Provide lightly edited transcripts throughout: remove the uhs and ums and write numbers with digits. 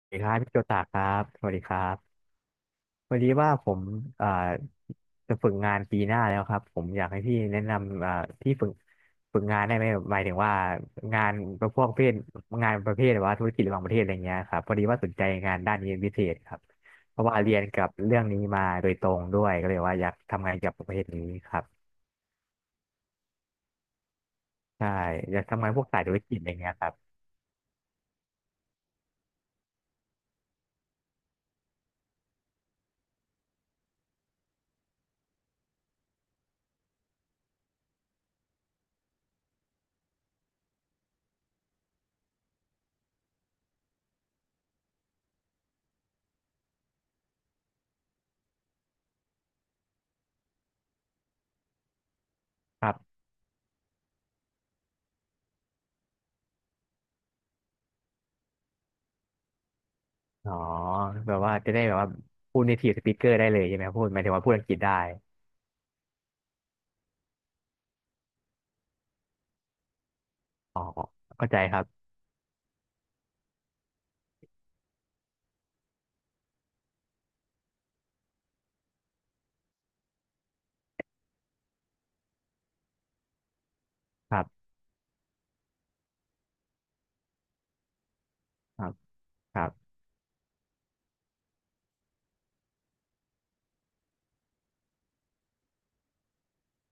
สวัสดีครับพี่โจตาครับสวัสดีครับพอดีว่าผมเอ่าจะฝึกงานปีหน้าแล้วครับผมอยากให้พี่แนะนำที่ฝึกงานได้ไหมหมายถึงว่างานประเภทงานประเภทแบบว่าธุรกิจระหว่างประเทศอะไรเงี้ยครับพอดีว่าสนใจงานด้านนี้เป็นพิเศษครับเพราะว่าเรียนกับเรื่องนี้มาโดยตรงด้วยก็เลยว่าอยากทำงานกกับประเภทนี้ครับใช่อยากทำงานพวกสายธุรกิจอะไรเงี้ยครับครับอ๋อแบบว่าจะได้แบบว่าพูด native speaker ได้เลยใช่ไหมพูดหมายถึงว่าพูดอังกฤษได้เข้าใจครับ ครับครับครับ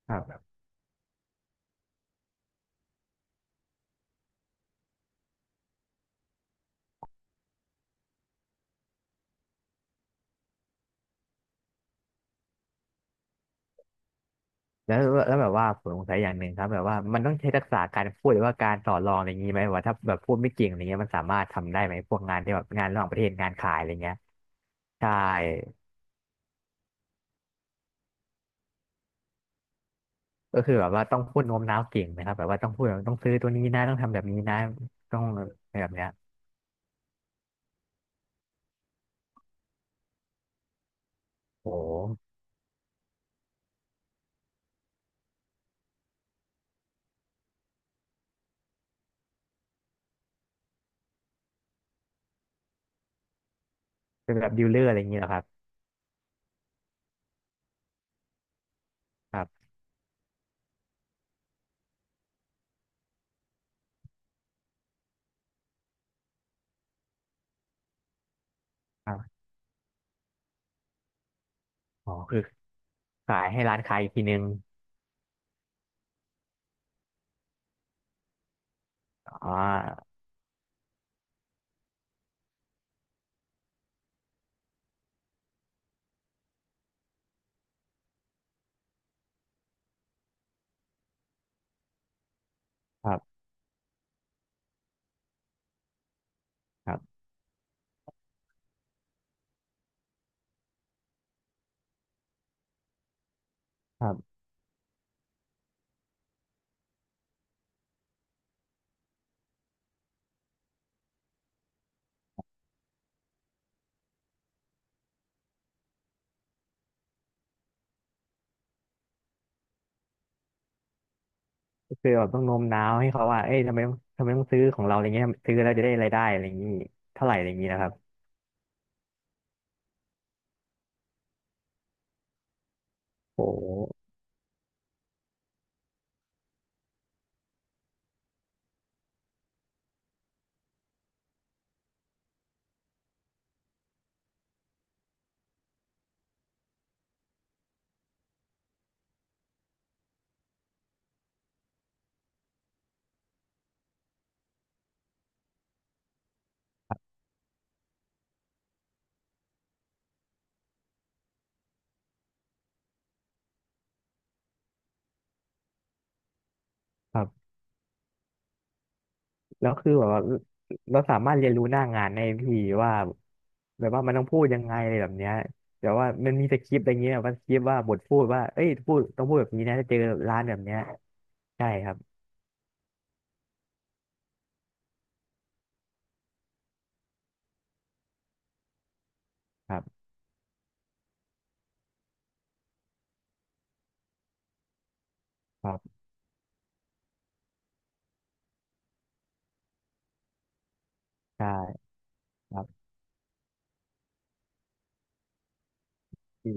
ครับแล้วแล้วแบบว่าผมสงสัยอย่างหนึ่งครับแบบว่ามันต้องใช้ทักษะการพูดหรือว่าการต่อรองอะไรอย่างนี้ไหมว่าถ้าแบบพูดไม่เก่งอะไรเงี้ยมันสามารถทำได้ไหมพวกงานที่แบบงานระหว่างประเทศงานขายอะไรเงี้ยใช่ก็คือแบบว่าต้องพูดโน้มน้าวเก่งนะครับแบบว่าต้องพูดแบบต้องซื้อตัวนี้นะต้องทำแบบนี้นะต้องอะไรแบบเนี้ยโอ้โหเป็นแบบดีลเลอร์อะไรอย่างนี้เหรอครับครับครับอ๋อคือขายให้ร้านค้าอีกทีนึงอ๋อครับครับครับ คือแบบต้องโน้มน้าวให้เขาว่าเอ้ยทำไมต้องซื้อของเราอะไรเงี้ยซื้อแล้วจะได้รายได้อะไรอย่างนี้เท่าไหร่อะไรอย่างนี้นะครับโอ้โหครับแล้วคือแบบว่าเราสามารถเรียนรู้หน้างานได้พี่ว่าแบบว่ามันต้องพูดยังไงอะไรแบบเนี้ยแต่ว่ามันมีสคริปต์อะไรเงี้ยว่าสคริปต์ว่าบทพูดว่าเอ้ยพูดต้องพูดแบบนี้นะถ้าเจอร้านแบบเนี้ยใช่ครับครับครับใช่ครับพี่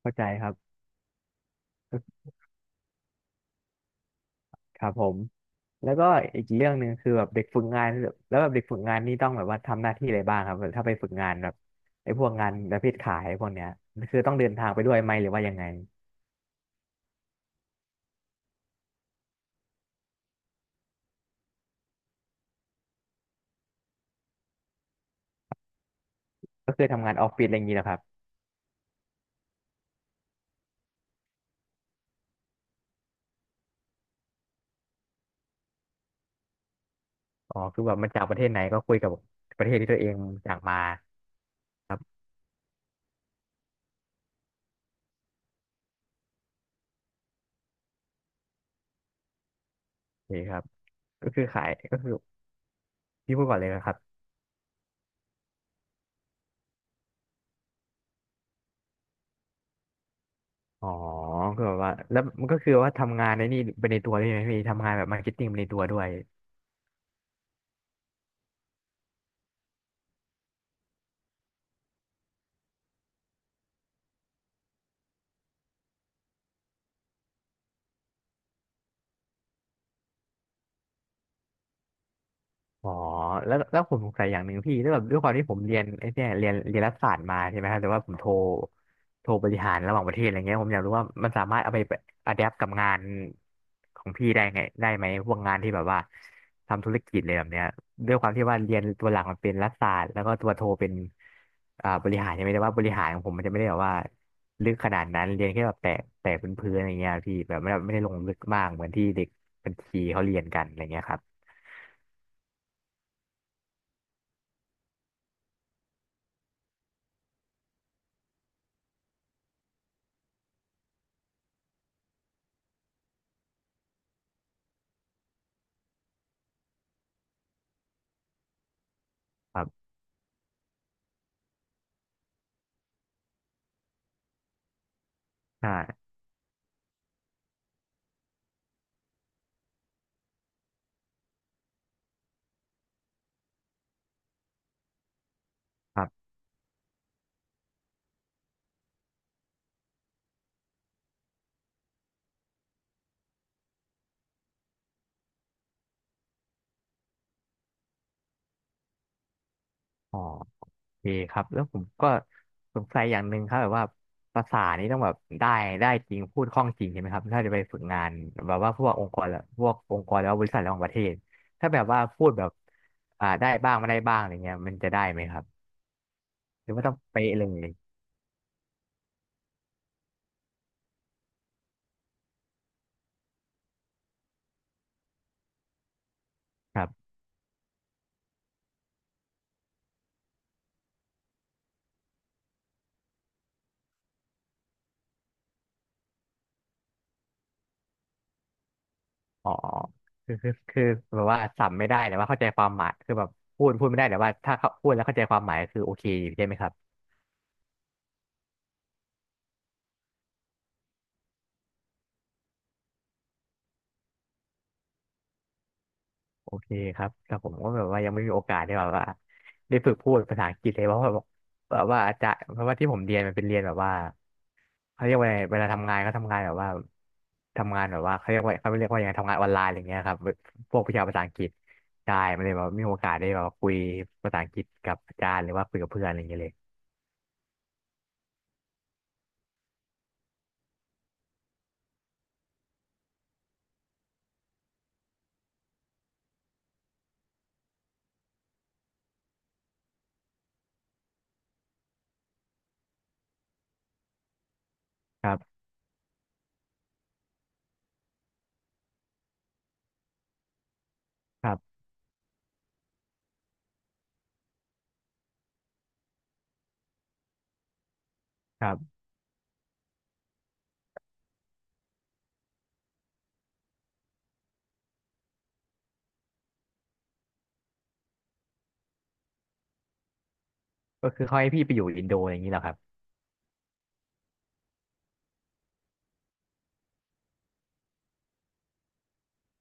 เข้าใจครับ ครับผมแล้วก็อีกเรื่องหนึ่งคือแบบเด็กฝึกงานแบบแล้วแบบเด็กฝึกงานนี่ต้องแบบว่าทำหน้าที่อะไรบ้างครับแบบถ้าไปฝึกงานแบบไอ้พวกงานประเภทขายพวกเนี้ยคือต้องเดินทางไปด้วยไหมหรือว่ายังไงก็คือทำงานออฟฟิศอะไรอย่างนี้แหละครับอ๋อคือแบบมันจากประเทศไหนก็คุยกับประเทศที่ตัวเองจากมาครับโอเคครับก็คือขายก็คือพี่พูดก่อนเลยนะครับอ๋อคือแบบว่าแล้วมันก็คือว่าทำงานในนี่ไปในตัวด้วยไหมพี่ทำงานแบบมาร์เก็ตติ้งไปในตัวด้วย อ๋อแล้วผมสงสัยอย่างหนึ่งพี่แล้วยแบบด้วยความที่ผมเรียนไอ้เนี่ยเรียนรัฐศาสตร์มาใช่ไหมครับแต่ว่าผมโทรบริหารระหว่างประเทศอะไรเงี้ยผมอยากรู้ว่ามันสามารถเอาไปอะแดปกับงานของพี่ได้ไงได้ไหมพวกงานที่แบบว่าทำธุรกิจเลยแบบเนี้ยด้วยความที่ว่าเรียนตัวหลักมันเป็นรัฐศาสตร์แล้วก็ตัวโทเป็นบริหารใช่ไหมแต่ว่าบริหารของผมมันจะไม่ได้แบบว่าลึกขนาดนั้นเรียนแค่แบบแตะเป็นพื้นๆอะไรเงี้ยพี่แบบไม่ได้ลงลึกมากเหมือนที่เด็กบัญชีเขาเรียนกันอะไรเงี้ยครับครับใช่ครับ อ๋อโอเคครับแล้วผมก็สงสัยอย่างหนึ่งครับแบบว่าภาษานี้ต้องแบบได้จริงพูดคล่องจริงใช่ไหมครับถ้าจะไปฝึกงานแบบว่าพวกองค์กรและพวกองค์กรแล้วาบริษัทระหว่างประเทศถ้าแบบว่าพูดแบบได้บ้างไม่ได้บ้างอะไรเงี้ยมันจะได้ไหมครับหรือว่าต้องเป๊ะเลยครับอ๋อคือแบบว่าสับไม่ได้แต่ว่าเข้าใจความหมายคือแบบพูดไม่ได้แต่ว่าถ้าเขาพูดแล้วเข้าใจความหมายคือโอเคอยู่ใช่ไหมครับ โอเคครับแต่ผมก็แบบว่ายังไม่มีโอกาสได้แบบว่าได้ฝึกพูดภาษาอังกฤษเลยเพราะว่าแบบว่าอาจารย์เพราะว่าที่ผมเรียนมันเป็นเรียนแบบว่าเขาเรียกว่าไงเวลาทำงานเขาทำงานแบบว่าทำงานแบบว่าเขาเรียกว่าเขาเรียกว่ายังไงทำงานออนไลน์อะไรเงี้ยครับพวกวิชาภาษาอังกฤษใช่มันเลยแบบไมมีโอกาสได้แบบว่าคุยภาษาอังกฤษกับอาจารย์หรือว่าคุยกับเพื่อนอะไรเงี้ยเลยครับครับครับก็คือเขาให้พี่ไปอยู่อินโดอย่างนี้เหรอครับ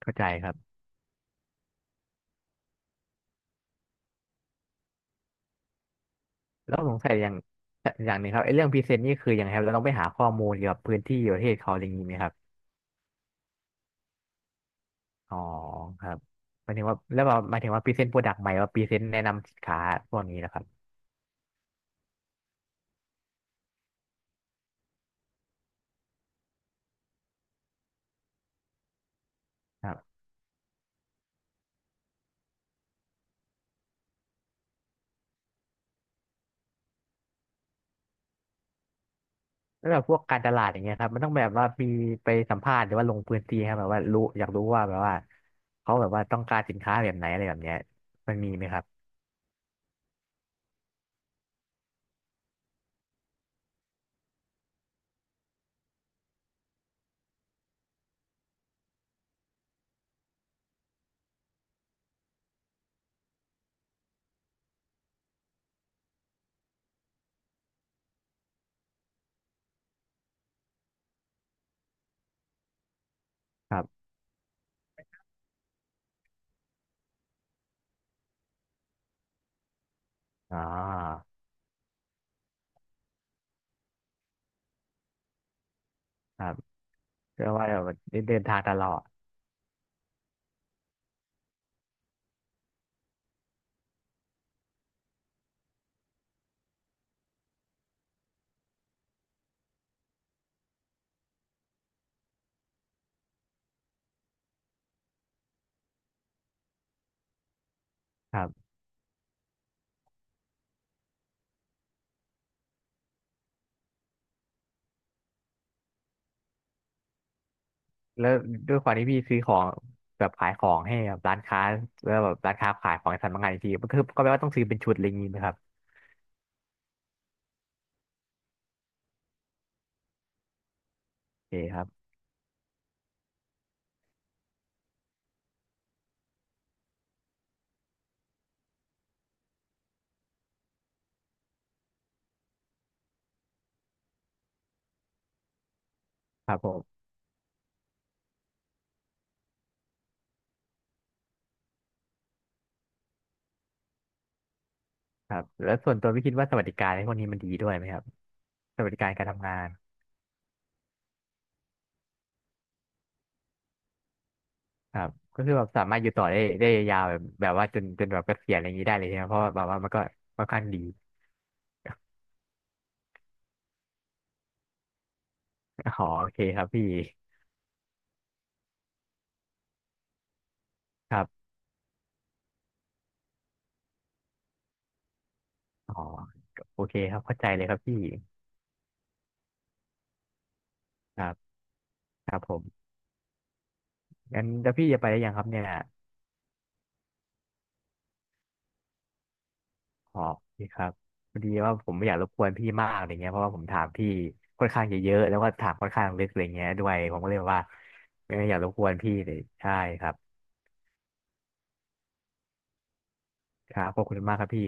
เข้าใจครับแล้วสงสัยอย่างอย่างหนึ่งครับไอ้เรื่องพรีเซนต์นี่คือยังไงครับเราต้องไปหาข้อมูลเกี่ยวกับพื้นที่ประเทศเขาอะไรอย่างนี้ไหมครับ อ๋อครับหมายถึงว่าแล้วแบบหมายถึงว่าพรีเซนต์โปรดักต์ใหม่ว่าพรีเซนต์แนะนำสินค้าพวกนี้นะครับครับแล้วแบบพวกการตลาดอย่างเงี้ยครับมันต้องแบบว่ามีไปสัมภาษณ์หรือว่าลงพื้นที่ครับแบบว่ารู้อยากรู้ว่าแบบว่าเขาแบบว่าต้องการสินค้าแบบไหนอะไรแบบเนี้ยมันมีไหมครับครับอ๋อครับเพราะว่าแบบได้เดินทางตลอดครับแล้วด้วยความที่พี่ซื้อของแบบขายของให้แบบร้านค้าแล้วแบบร้านค้าขายของในสำนักงานอีกทีมันคือก็แปลว่าต้องซื้อเป็นชุดอะไรอย่างงี้ไหมครับโอเคครับครับผม ครับแล้วส่วนตัวพี่คิดว่าสวัสดิการในพวกนี้มันดีด้วยไหมครับสวัสดิการการทำงานครับก็คือแบบสามารถอยู่ต่อได้ได้ยาวแบบแบบว่าจนแบบเกษียณอะไรอย่างนี้ได้เลยใช่ไหมเพราะว่าแบบว่ามันก็ค่อนข้างดีอ๋อโอเคครับพี่ครับอ๋อโอเคครับเข้าใจเลยครับพี่ครับครับผมงั้นแล้วพี่จะไปได้ยังครับเนี่ยอ๋อโอเคครับพอดีว่าผมไม่อยากรบกวนพี่มากอะไรเงี้ยเพราะว่าผมถามพี่ค่อนข้างจะเยอะแล้วก็ถามค่อนข้างลึกอะไรเงี้ยด้วยผมก็เลยแบบว่าไม่อยากรบกวนพี่เลยใช่ครับ ครับขอบคุณมากครับพี่